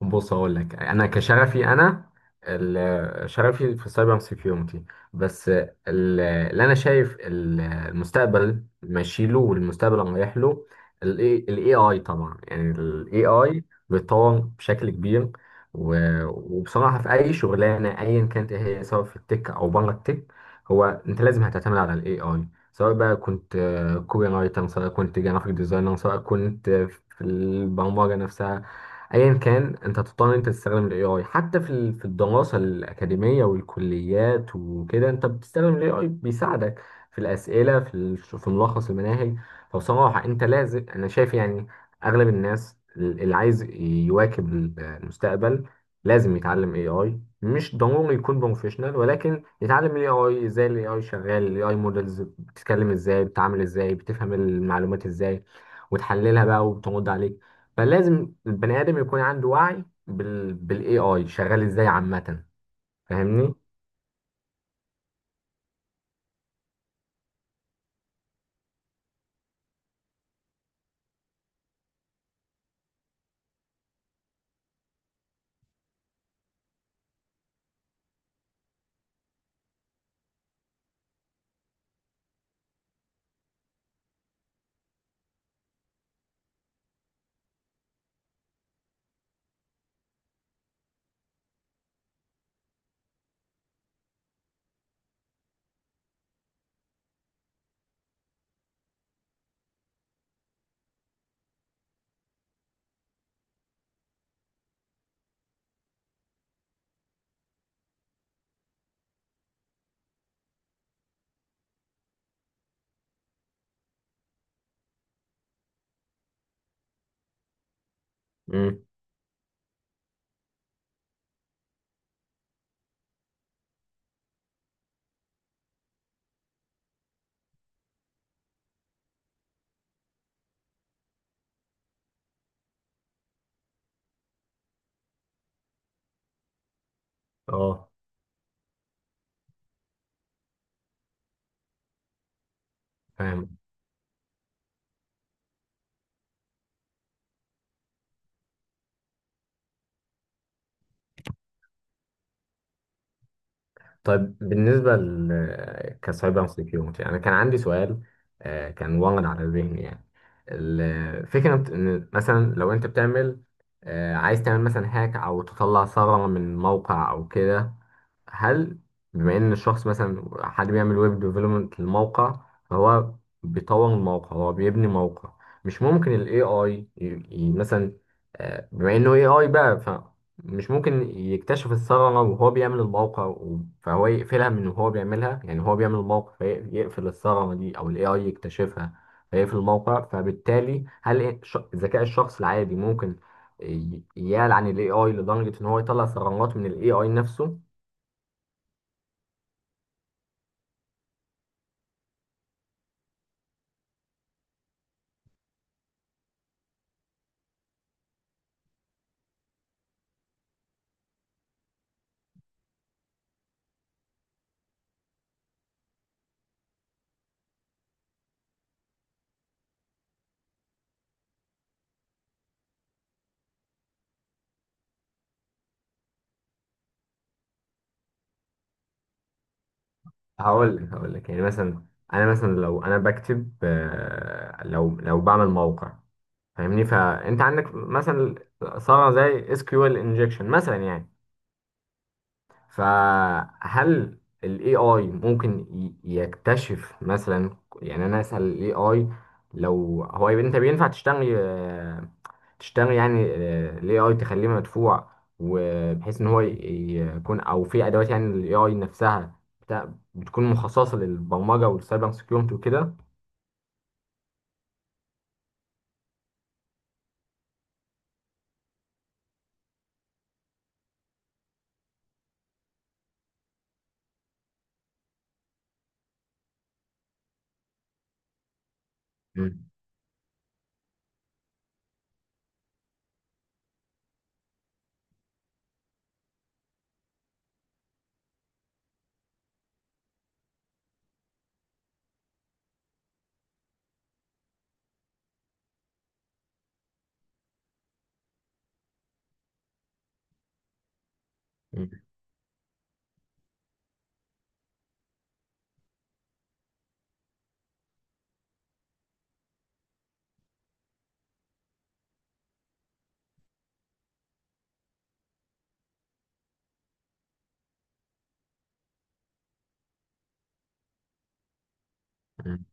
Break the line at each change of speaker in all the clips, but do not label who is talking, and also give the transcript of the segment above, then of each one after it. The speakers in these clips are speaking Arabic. بص، هقول لك انا كشغفي، انا شغفي في السايبر سيكيورتي. بس اللي انا شايف المستقبل ماشي له، والمستقبل رايح له، الاي اي طبعا. يعني الاي اي بيتطور بشكل كبير، و- وبصراحه في اي شغلانه ايا كانت إيه هي، سواء في التك او بره التك، هو انت لازم هتعتمد على الاي اي، سواء بقى كنت كوبي رايتر، سواء كنت جرافيك ديزاينر، سواء كنت في البرمجه نفسها. ايا كان، انت تضطر ان انت تستخدم الاي اي، حتى في الدراسه الاكاديميه والكليات وكده، انت بتستخدم الاي اي، بيساعدك في الاسئله، في ملخص المناهج. فبصراحه انت لازم، انا شايف يعني، اغلب الناس اللي عايز يواكب المستقبل لازم يتعلم اي اي، مش ضروري يكون بروفيشنال، ولكن يتعلم الاي اي ازاي، الاي اي شغال، الاي اي مودلز بتتكلم ازاي، بتتعامل ازاي، بتفهم المعلومات ازاي وتحللها بقى وبترد عليك. فلازم البني ادم يكون عنده وعي بالاي اي شغال ازاي عامه. فاهمني؟ امم. اه. فاهم. طيب، بالنسبة كسايبر سيكيورتي، أنا كان عندي سؤال، كان وارد على ذهني يعني. الفكرة إن مثلا لو أنت بتعمل، عايز تعمل مثلا هاك أو تطلع ثغرة من موقع أو كده، هل، بما إن الشخص، مثلا حد بيعمل ويب ديفلوبمنت للموقع، فهو بيطور الموقع، هو بيبني موقع، مش ممكن ال AI مثلا، بما إنه AI بقى، مش ممكن يكتشف الثغرة وهو بيعمل الموقع فهو يقفلها من وهو بيعملها؟ يعني هو بيعمل الموقع فيقفل الثغرة دي، أو ال AI يكتشفها فيقفل الموقع. فبالتالي هل ذكاء الشخص العادي ممكن يلعن ال AI لدرجة إن هو يطلع ثغرات من ال AI نفسه؟ هقول لك يعني مثلا، أنا مثلا لو أنا بكتب، لو بعمل موقع، فاهمني؟ فأنت عندك مثلا ثغرة زي SQL injection مثلا يعني. فهل ال AI ممكن يكتشف؟ مثلا يعني انا اسال ال AI، لو هو يبقى انت بينفع تشتغل، تشتغل يعني، ال AI تخليه مدفوع، وبحيث ان هو يكون، او في ادوات، يعني ال AI نفسها بتكون مخصصة للبرمجة والسايبر سكيورتي وكده. مم. مم. مم.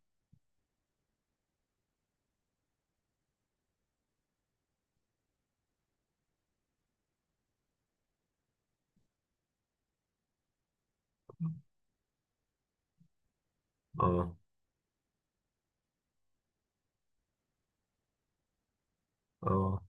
اه. اه.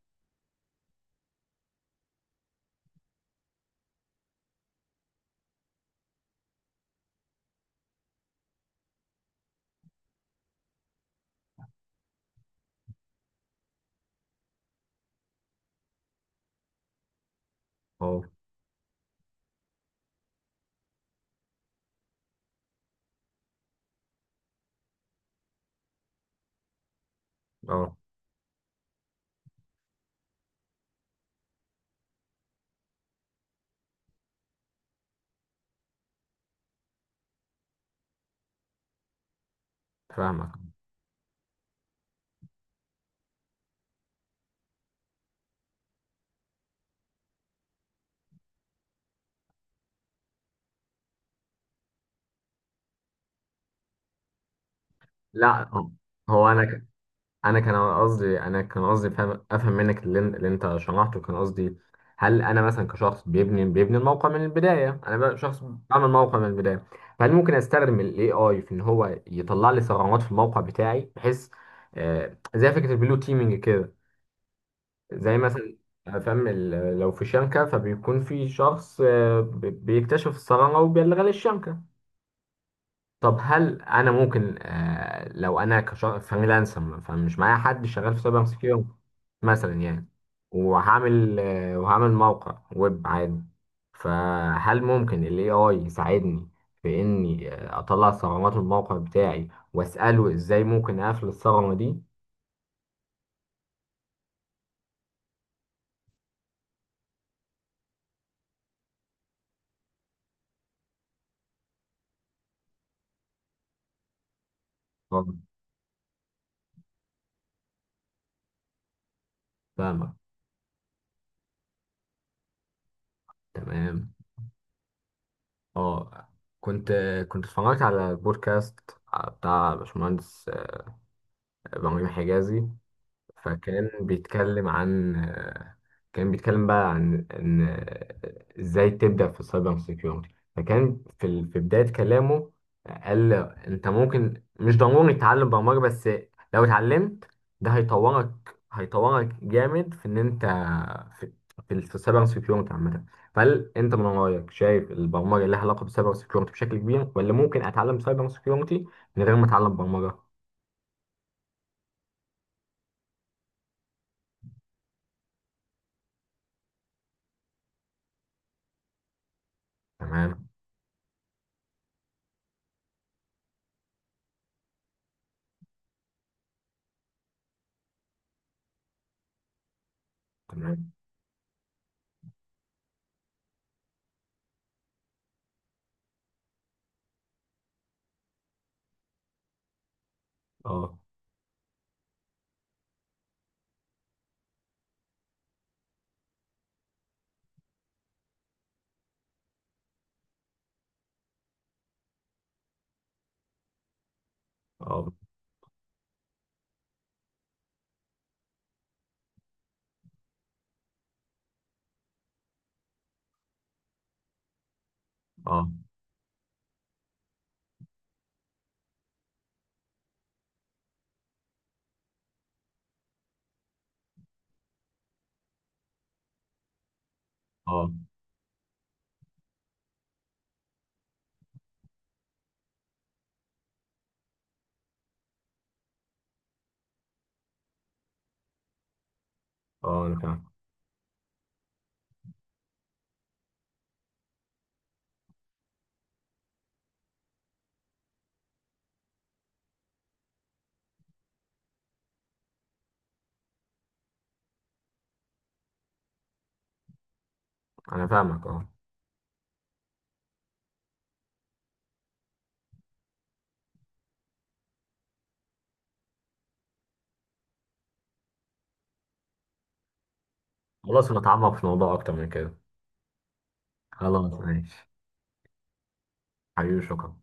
اه. اه. فاهمك. لا، هو انا كان قصدي، انا كان قصدي فهم افهم منك اللي انت شرحته، كان قصدي هل انا مثلا كشخص بيبني الموقع من البدايه، انا بقى شخص بعمل موقع من البدايه، فهل ممكن استخدم الاي اي في ان هو يطلع لي ثغرات في الموقع بتاعي، بحيث، زي فكره البلو تيمينج كده. زي مثلا، فاهم، لو في شبكه، فبيكون في شخص بيكتشف الثغره وبيلغي للشبكه. طب هل انا ممكن، لو انا كفريلانسر، فمش معايا حد شغال في سايبر سكيورتي مثلا يعني، وهعمل موقع ويب عادي، فهل ممكن الاي اي يساعدني في اني، اطلع ثغرات الموقع بتاعي، واساله ازاي ممكن اقفل الثغرة دي؟ آه، فاهمك. تمام. اه. كنت كنت اتفرجت على بودكاست بتاع باشمهندس، ابراهيم حجازي. فكان بيتكلم عن، كان بيتكلم بقى عن ان ازاي تبدأ في السايبر سيكيورتي. فكان في بداية كلامه قال، انت ممكن مش ضروري تتعلم برمجة، بس لو اتعلمت، ده هيطورك جامد في ان انت في في السايبر سيكيورتي عامة. فهل انت من رأيك شايف البرمجة لها علاقة بالسايبر سيكيورتي بشكل كبير، ولا ممكن اتعلم سايبر سيكيورتي من غير ما اتعلم برمجة؟ تمام. تمام. اه. اه. اه. اه. اه. انا فاهم. انا فاهمك. اه. خلاص، نتعمق في الموضوع اكتر من كده. خلاص، ماشي. حبيبي، شكرا.